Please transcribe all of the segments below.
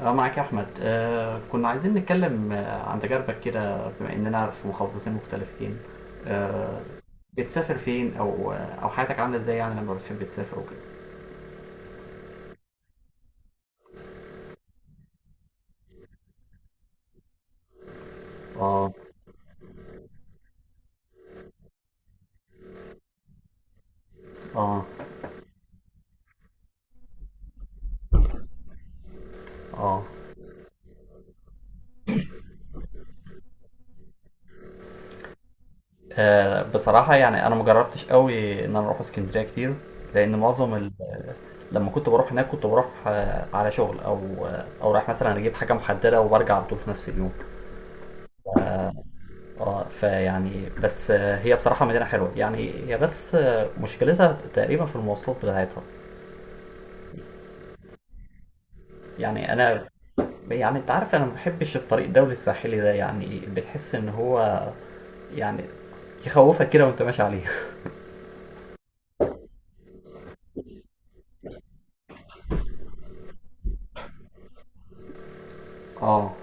اه معاك يا احمد. كنا عايزين نتكلم عن تجاربك كده، بما اننا في محافظتين مختلفتين. آه بتسافر فين، او حياتك عامله ازاي يعني لما بتحب تسافر وكده؟ اه، اه، اه، بصراحه يعني انا ما جربتش قوي ان انا اروح اسكندريه كتير، لان معظم ال-، لما كنت بروح هناك كنت بروح على شغل، او او رايح مثلا اجيب حاجه محدده وبرجع على طول في نفس اليوم. اه، فيعني بس هي بصراحه مدينه حلوه، يعني هي بس مشكلتها تقريبا في المواصلات بتاعتها. يعني أنا يعني أنت عارف، أنا ما باحبش الطريق الدولي الساحلي ده، يعني بتحس إن هو يعني يخوفك كده وأنت ماشي عليه. اه،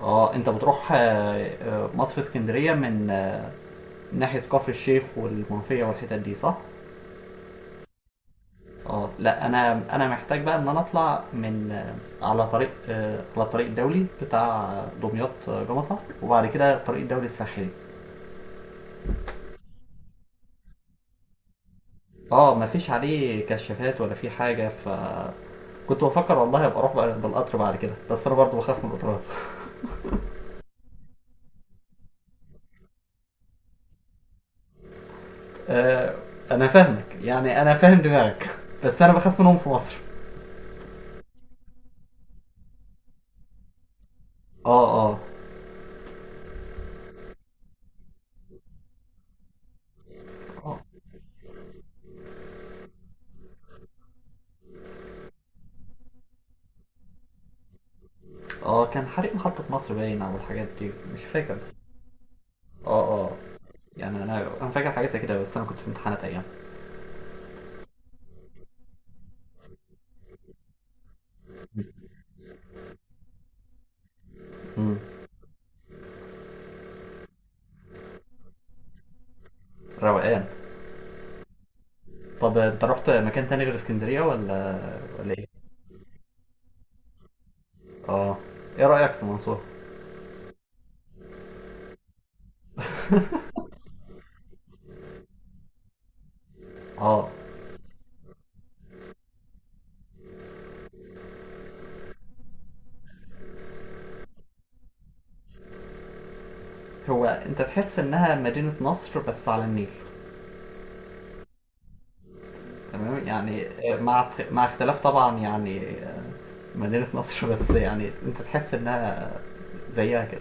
اه، انت بتروح مصر اسكندريه من ناحيه كفر الشيخ والمنوفيه والحتت دي، صح؟ اه، لا، انا محتاج بقى ان انا اطلع من على طريق على الطريق الدولي بتاع دمياط، جمصه، وبعد كده الطريق الدولي الساحلي. اه مفيش عليه كشافات ولا في حاجه. ف كنت بفكر والله ابقى اروح بقى بالقطر بعد كده، بس انا برضه بخاف من القطارات. آه، انا فاهمك، يعني انا فاهم دماغك، بس انا بخاف منهم في مصر. اه، اه، اه، اه، كان حريق محطة مصر باين، او الحاجات دي مش فاكر، بس اه، اه، يعني انا فاكر حاجة زي كده، بس انا كنت في امتحانات ايام. مم. روقان. طب انت رحت مكان تاني غير اسكندرية ولا ولا ايه؟ اه، ايه رأيك في المنصورة؟ اه، هو انت تحس انها مدينة نصر بس على النيل؟ تمام يعني، مع مع اختلاف طبعا يعني، مدينة نصر بس يعني انت تحس انها زيها كده.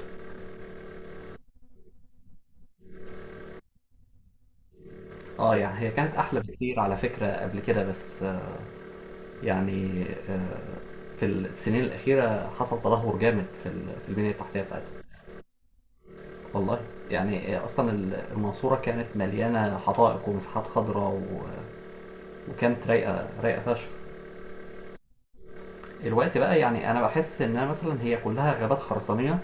اه يعني هي كانت احلى بكتير على فكرة قبل كده، بس يعني آه، في السنين الأخيرة حصل تدهور جامد في في البنية التحتية بتاعتها. والله يعني، أصلا المنصورة كانت مليانة حدائق ومساحات خضراء، وكانت رايقة فشخ. الوقت بقى يعني أنا بحس إنها مثلا هي كلها غابات خرسانية.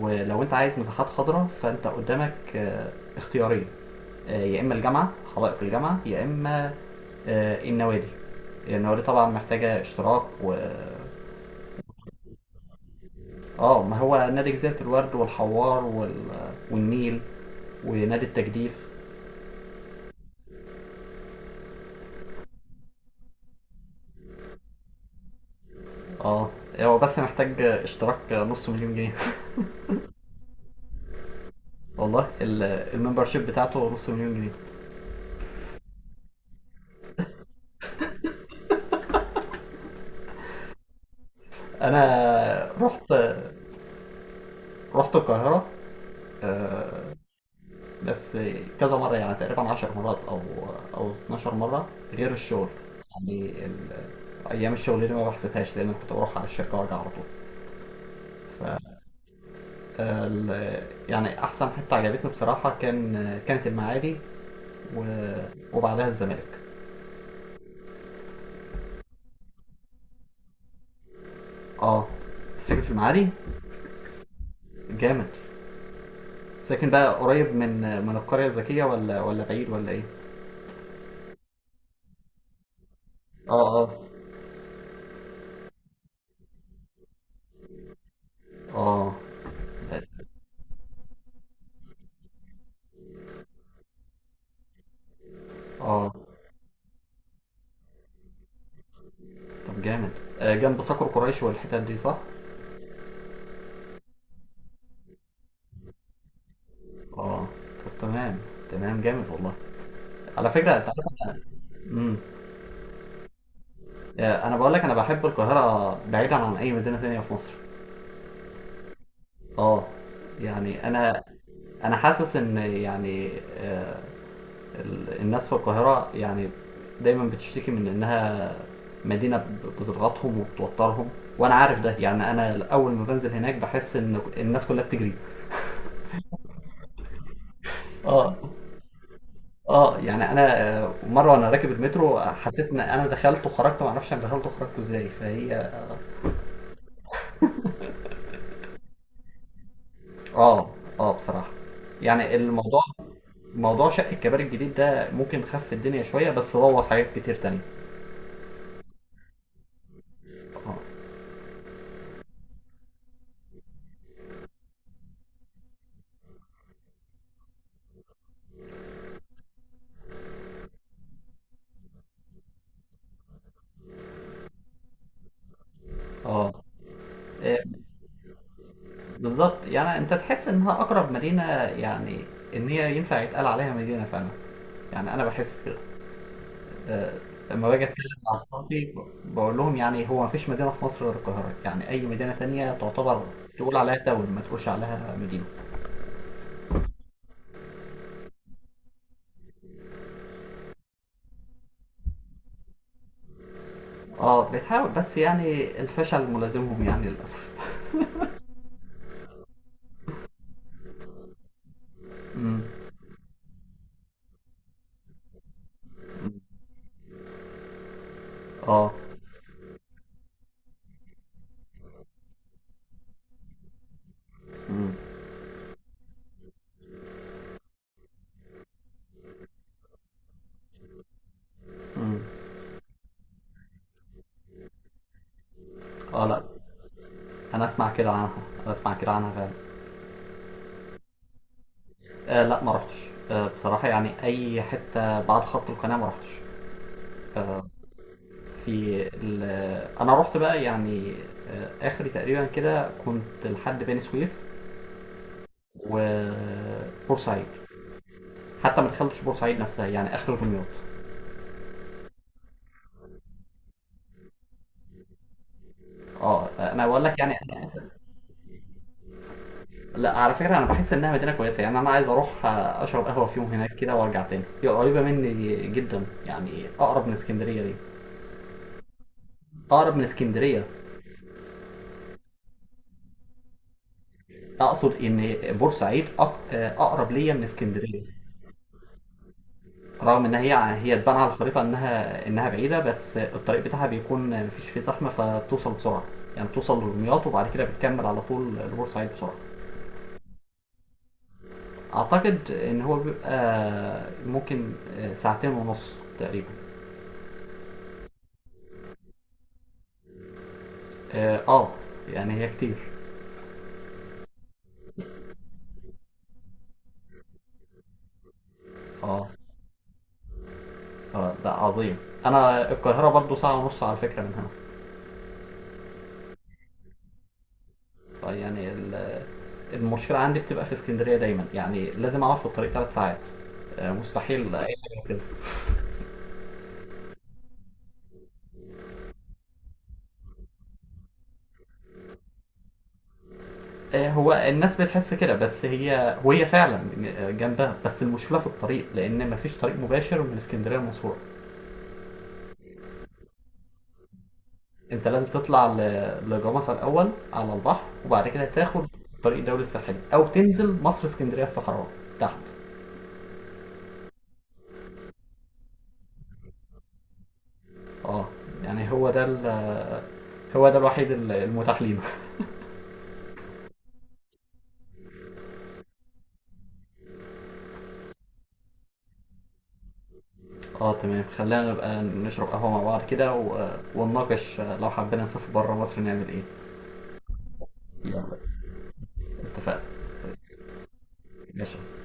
ولو انت عايز مساحات خضراء، فانت قدامك اختيارين، يا اما الجامعه، حدائق الجامعه، يا اما النوادي. النوادي طبعا محتاجه اشتراك. و اه، ما هو نادي جزيره الورد والحوار وال-، والنيل، ونادي التجديف. اه هو بس محتاج اشتراك نص مليون جنيه. والله ال-، الممبرشيب بتاعته نص مليون جنيه. انا رحت، رحت القاهره آه، بس كذا مرة، يعني تقريبا 10 مرات، أو 12 مرة غير الشغل. يعني ال-، أيام الشغل دي ما بحسبهاش، لأن كنت بروح على الشركة وأرجع على طول. ال- يعني أحسن حتة عجبتني بصراحة كان، كانت المعادي، و- وبعدها الزمالك. اه ساكن في المعادي. جامد. ساكن بقى قريب من من القرية الذكية، ولا ولا بعيد، ولا إيه؟ اه، اه، اه، اه، طب جامد. جنب صقر قريش والحتت دي، صح؟ اه، طب تمام. تمام جامد والله. على فكرة انت عارف. امم. انا بقول لك، انا بحب القاهرة بعيدا عن اي مدينة ثانية في مصر. اه يعني انا حاسس ان يعني ال- الناس في القاهرة يعني دايما بتشتكي من انها مدينة بتضغطهم وبتوترهم، وانا عارف ده، يعني انا اول ما بنزل هناك بحس ان الناس كلها بتجري. اه، اه يعني انا مره وانا راكب المترو حسيت ان انا دخلت وخرجت ما اعرفش انا دخلت وخرجت ازاي، فهي اه، اه بصراحه. يعني الموضوع، موضوع شق الكباري الجديد ده، ممكن خف الدنيا شوية بس بوظ حاجات كتير تانية. اه، اه، إيه، بالظبط يعني انت تحس انها اقرب مدينة، يعني ان هي ينفع يتقال عليها مدينة فعلا. يعني انا بحس كده، آه، لما باجي اتكلم مع اصحابي بقول لهم يعني هو مفيش مدينة في مصر غير القاهرة، يعني اي مدينة تانية تعتبر، تقول عليها تاون، ما تقولش عليها مدينة. اه بتحاول، بس يعني الفشل ملازمهم يعني للاسف. امم، اه، امم، امم، اه لا انا اسمع كده عنها، انا اسمع كده عنها فعلا. آه لا ما رحتش. آه بصراحه يعني اي حته بعد خط القناه ما رحتش. في ال-، انا رحت بقى يعني اخري تقريبا كده كنت لحد بني سويف، وبورسعيد. حتى ما دخلتش بورسعيد نفسها، يعني اخر دمياط. اه انا بقول لك يعني، لا على فكره انا بحس انها مدينه كويسه، يعني انا عايز اروح اشرب قهوه فيهم هناك كده وارجع تاني، هي قريبه مني جدا، يعني اقرب من اسكندريه دي. اقرب من اسكندريه. اقصد ان بورسعيد اقرب ليا من اسكندريه، رغم ان هي تبان على الخريطه انها بعيده، بس الطريق بتاعها بيكون مفيش فيه زحمه فبتوصل بسرعه، يعني توصل لدمياط وبعد كده بتكمل على طول لبورسعيد بسرعه. اعتقد ان هو بيبقى ممكن ساعتين ونص تقريبا. اه، يعني هي كتير. اه، اه ده عظيم. انا القاهره برضو ساعه ونص على فكره من هنا. طيب يعني ال-، المشكله عندي بتبقى في اسكندريه دايما، يعني لازم اقعد في الطريق ثلاث ساعات، مستحيل اي حاجه كده. هو الناس بتحس كده، بس هي فعلا جنبها، بس المشكله في الطريق لان مفيش طريق مباشر من اسكندريه لمنصوره. انت لازم تطلع لجمصة الاول على البحر وبعد كده تاخد طريق الدولي الساحلي، او تنزل مصر اسكندريه الصحراء تحت. اه يعني هو ده ال-، هو ده الوحيد ال- المتاح لينا. اه تمام، خلينا نبقى نشرب قهوه مع بعض كده ونناقش لو حبينا نسافر بره مصر نعمل ايه. اتفقنا. طيب، ماشي.